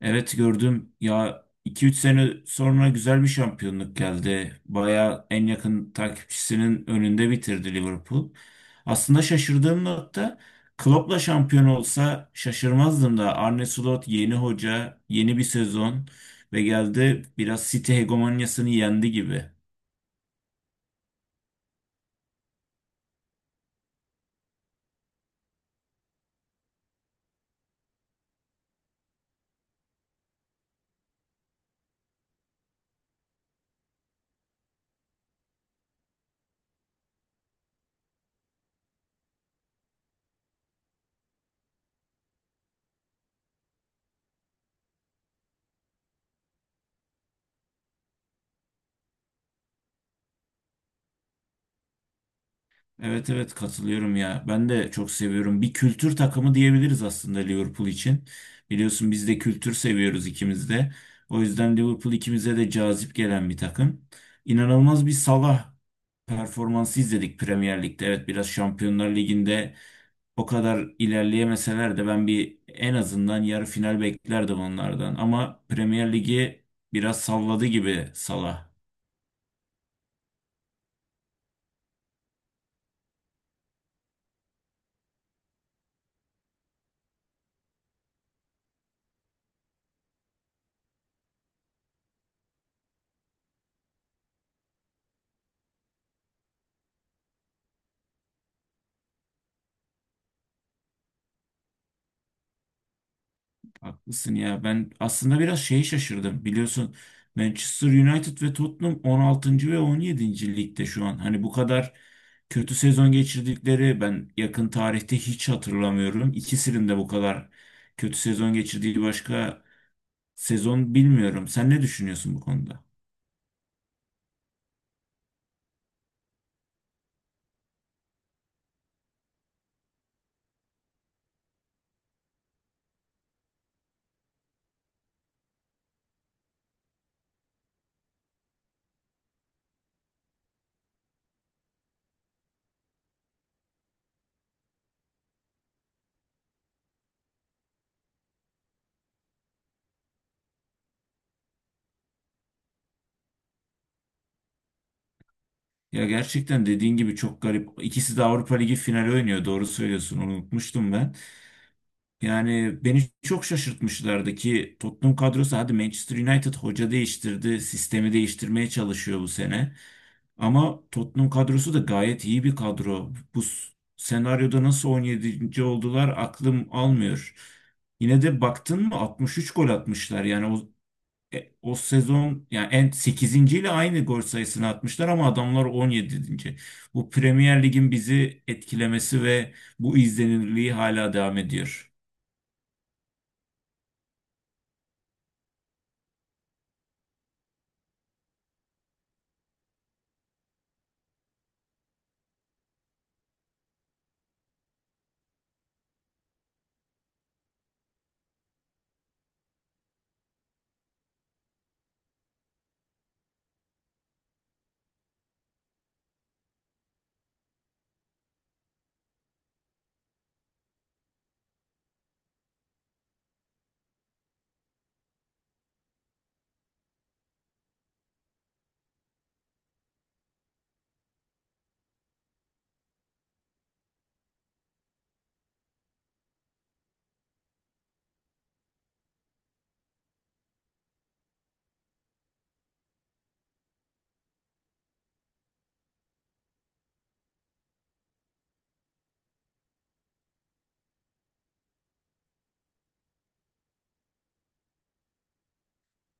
Evet gördüm. Ya 2-3 sene sonra güzel bir şampiyonluk geldi. Baya en yakın takipçisinin önünde bitirdi Liverpool. Aslında şaşırdığım nokta Klopp'la şampiyon olsa şaşırmazdım da Arne Slot yeni hoca, yeni bir sezon ve geldi biraz City hegemonyasını yendi gibi. Evet, evet, katılıyorum ya. Ben de çok seviyorum. Bir kültür takımı diyebiliriz aslında Liverpool için. Biliyorsun biz de kültür seviyoruz ikimiz de. O yüzden Liverpool ikimize de cazip gelen bir takım. İnanılmaz bir Salah performansı izledik Premier Lig'de. Evet biraz Şampiyonlar Ligi'nde o kadar ilerleyemeseler de ben bir en azından yarı final beklerdim onlardan. Ama Premier Lig'i biraz salladı gibi Salah. Haklısın ya. Ben aslında biraz şeyi şaşırdım. Biliyorsun Manchester United ve Tottenham 16. ve 17. ligde şu an. Hani bu kadar kötü sezon geçirdikleri ben yakın tarihte hiç hatırlamıyorum. İkisinin de bu kadar kötü sezon geçirdiği başka sezon bilmiyorum. Sen ne düşünüyorsun bu konuda? Ya gerçekten dediğin gibi çok garip. İkisi de Avrupa Ligi finali oynuyor. Doğru söylüyorsun. Onu unutmuştum ben. Yani beni çok şaşırtmışlardı ki Tottenham kadrosu hadi Manchester United hoca değiştirdi, sistemi değiştirmeye çalışıyor bu sene. Ama Tottenham kadrosu da gayet iyi bir kadro. Bu senaryoda nasıl 17. oldular aklım almıyor. Yine de baktın mı 63 gol atmışlar. Yani o sezon yani en 8. ile aynı gol sayısını atmışlar ama adamlar 17. Bu Premier Lig'in bizi etkilemesi ve bu izlenirliği hala devam ediyor.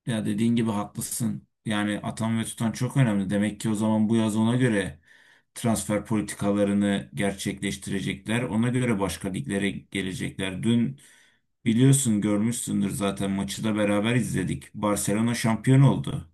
Ya dediğin gibi haklısın. Yani atan ve tutan çok önemli. Demek ki o zaman bu yaz ona göre transfer politikalarını gerçekleştirecekler. Ona göre başka liglere gelecekler. Dün biliyorsun görmüşsündür zaten maçı da beraber izledik. Barcelona şampiyon oldu.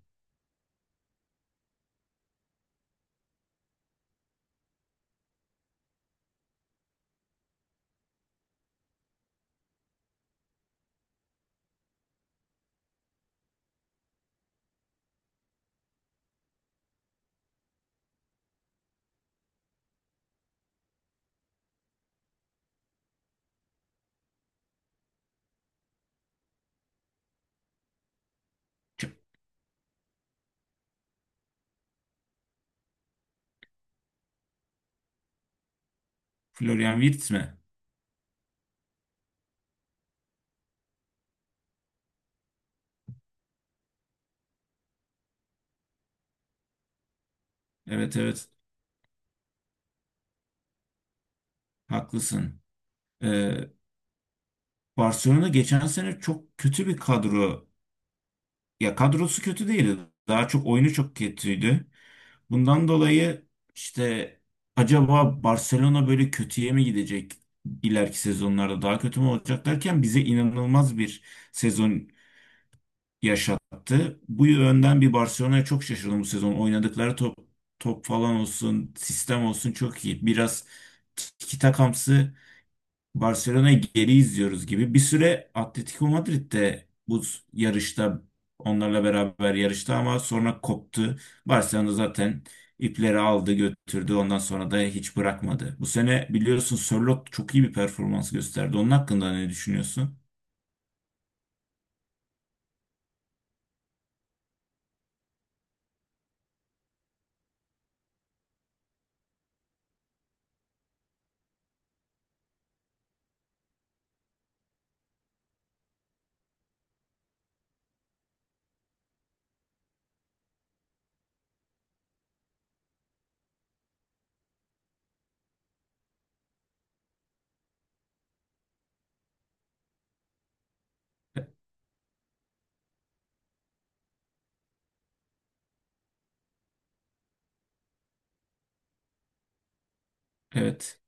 Ç- Florian Wirtz mi? Evet, evet, haklısın. Ee, Barcelona geçen sene çok kötü bir kadro. Ya kadrosu kötü değildi. Daha çok oyunu çok kötüydü. Bundan dolayı işte acaba Barcelona böyle kötüye mi gidecek ileriki sezonlarda daha kötü mü olacak derken bize inanılmaz bir sezon yaşattı. Bu yönden bir Barcelona'ya çok şaşırdım bu sezon. Oynadıkları top top falan olsun, sistem olsun çok iyi. Biraz tiki takamsı Barcelona'yı geri izliyoruz gibi. Bir süre Atletico Madrid de bu yarışta onlarla beraber yarıştı ama sonra koptu. Barcelona zaten ipleri aldı götürdü. Ondan sonra da hiç bırakmadı. Bu sene biliyorsun Sörloth çok iyi bir performans gösterdi. Onun hakkında ne düşünüyorsun? E- Evet.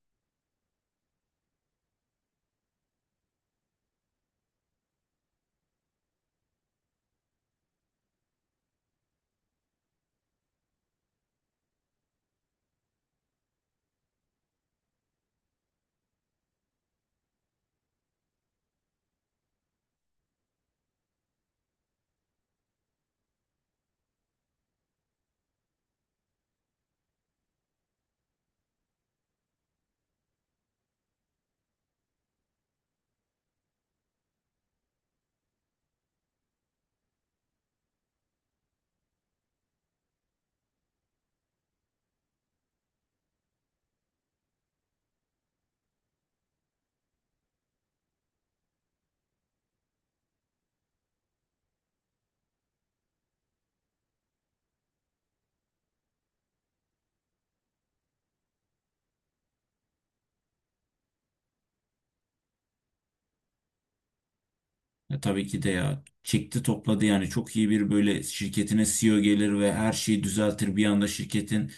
E, tabii ki de ya. Çekti topladı yani çok iyi bir böyle şirketine CEO gelir ve her şeyi düzeltir bir anda şirketin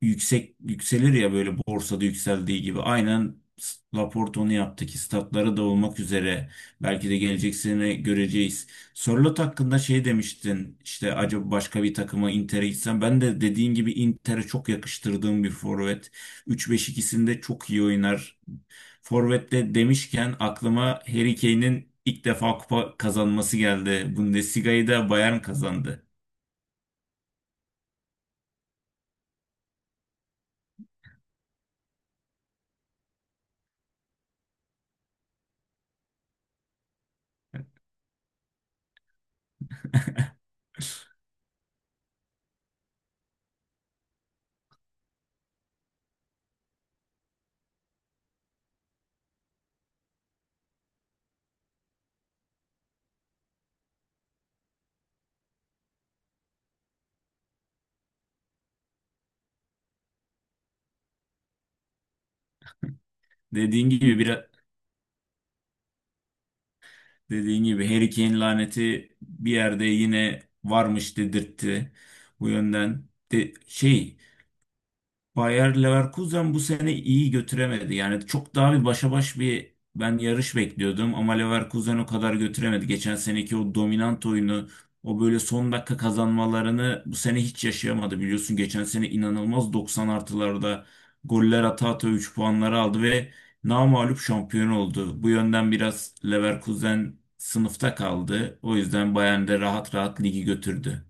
yüksek yükselir ya böyle borsada yükseldiği gibi. Aynen yaptık onu da olmak üzere belki de gelecek sene göreceğiz. Sörloth hakkında şey demiştin işte acaba başka bir takıma Inter'e gitsem ben de dediğin gibi Inter'e çok yakıştırdığım bir forvet. 3 5 ikisinde çok iyi oynar. Forvet'te demişken aklıma Harry Kane'in ilk defa kupa kazanması geldi. Bundesliga'yı da Bayern kazandı. Dediğin gibi biraz Dediğin gibi Harry Kane laneti bir yerde yine varmış dedirtti. Bu yönden de şey Bayer Leverkusen bu sene iyi götüremedi. Yani çok daha bir başa baş bir ben yarış bekliyordum ama Leverkusen o kadar götüremedi. Geçen seneki o dominant oyunu, o böyle son dakika kazanmalarını bu sene hiç yaşayamadı. Biliyorsun geçen sene inanılmaz 90 artılarda goller ata ata 3 puanları aldı ve namağlup şampiyon oldu. Bu yönden biraz Leverkusen sınıfta kaldı. O yüzden Bayern de rahat rahat ligi götürdü.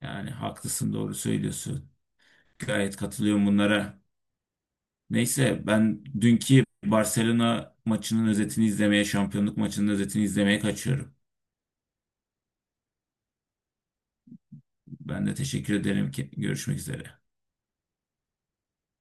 Yani haklısın doğru söylüyorsun. Gayet katılıyorum bunlara. Neyse ben dünkü Barcelona maçının özetini izlemeye, şampiyonluk maçının özetini izlemeye kaçıyorum. Ben de teşekkür ederim ki görüşmek üzere.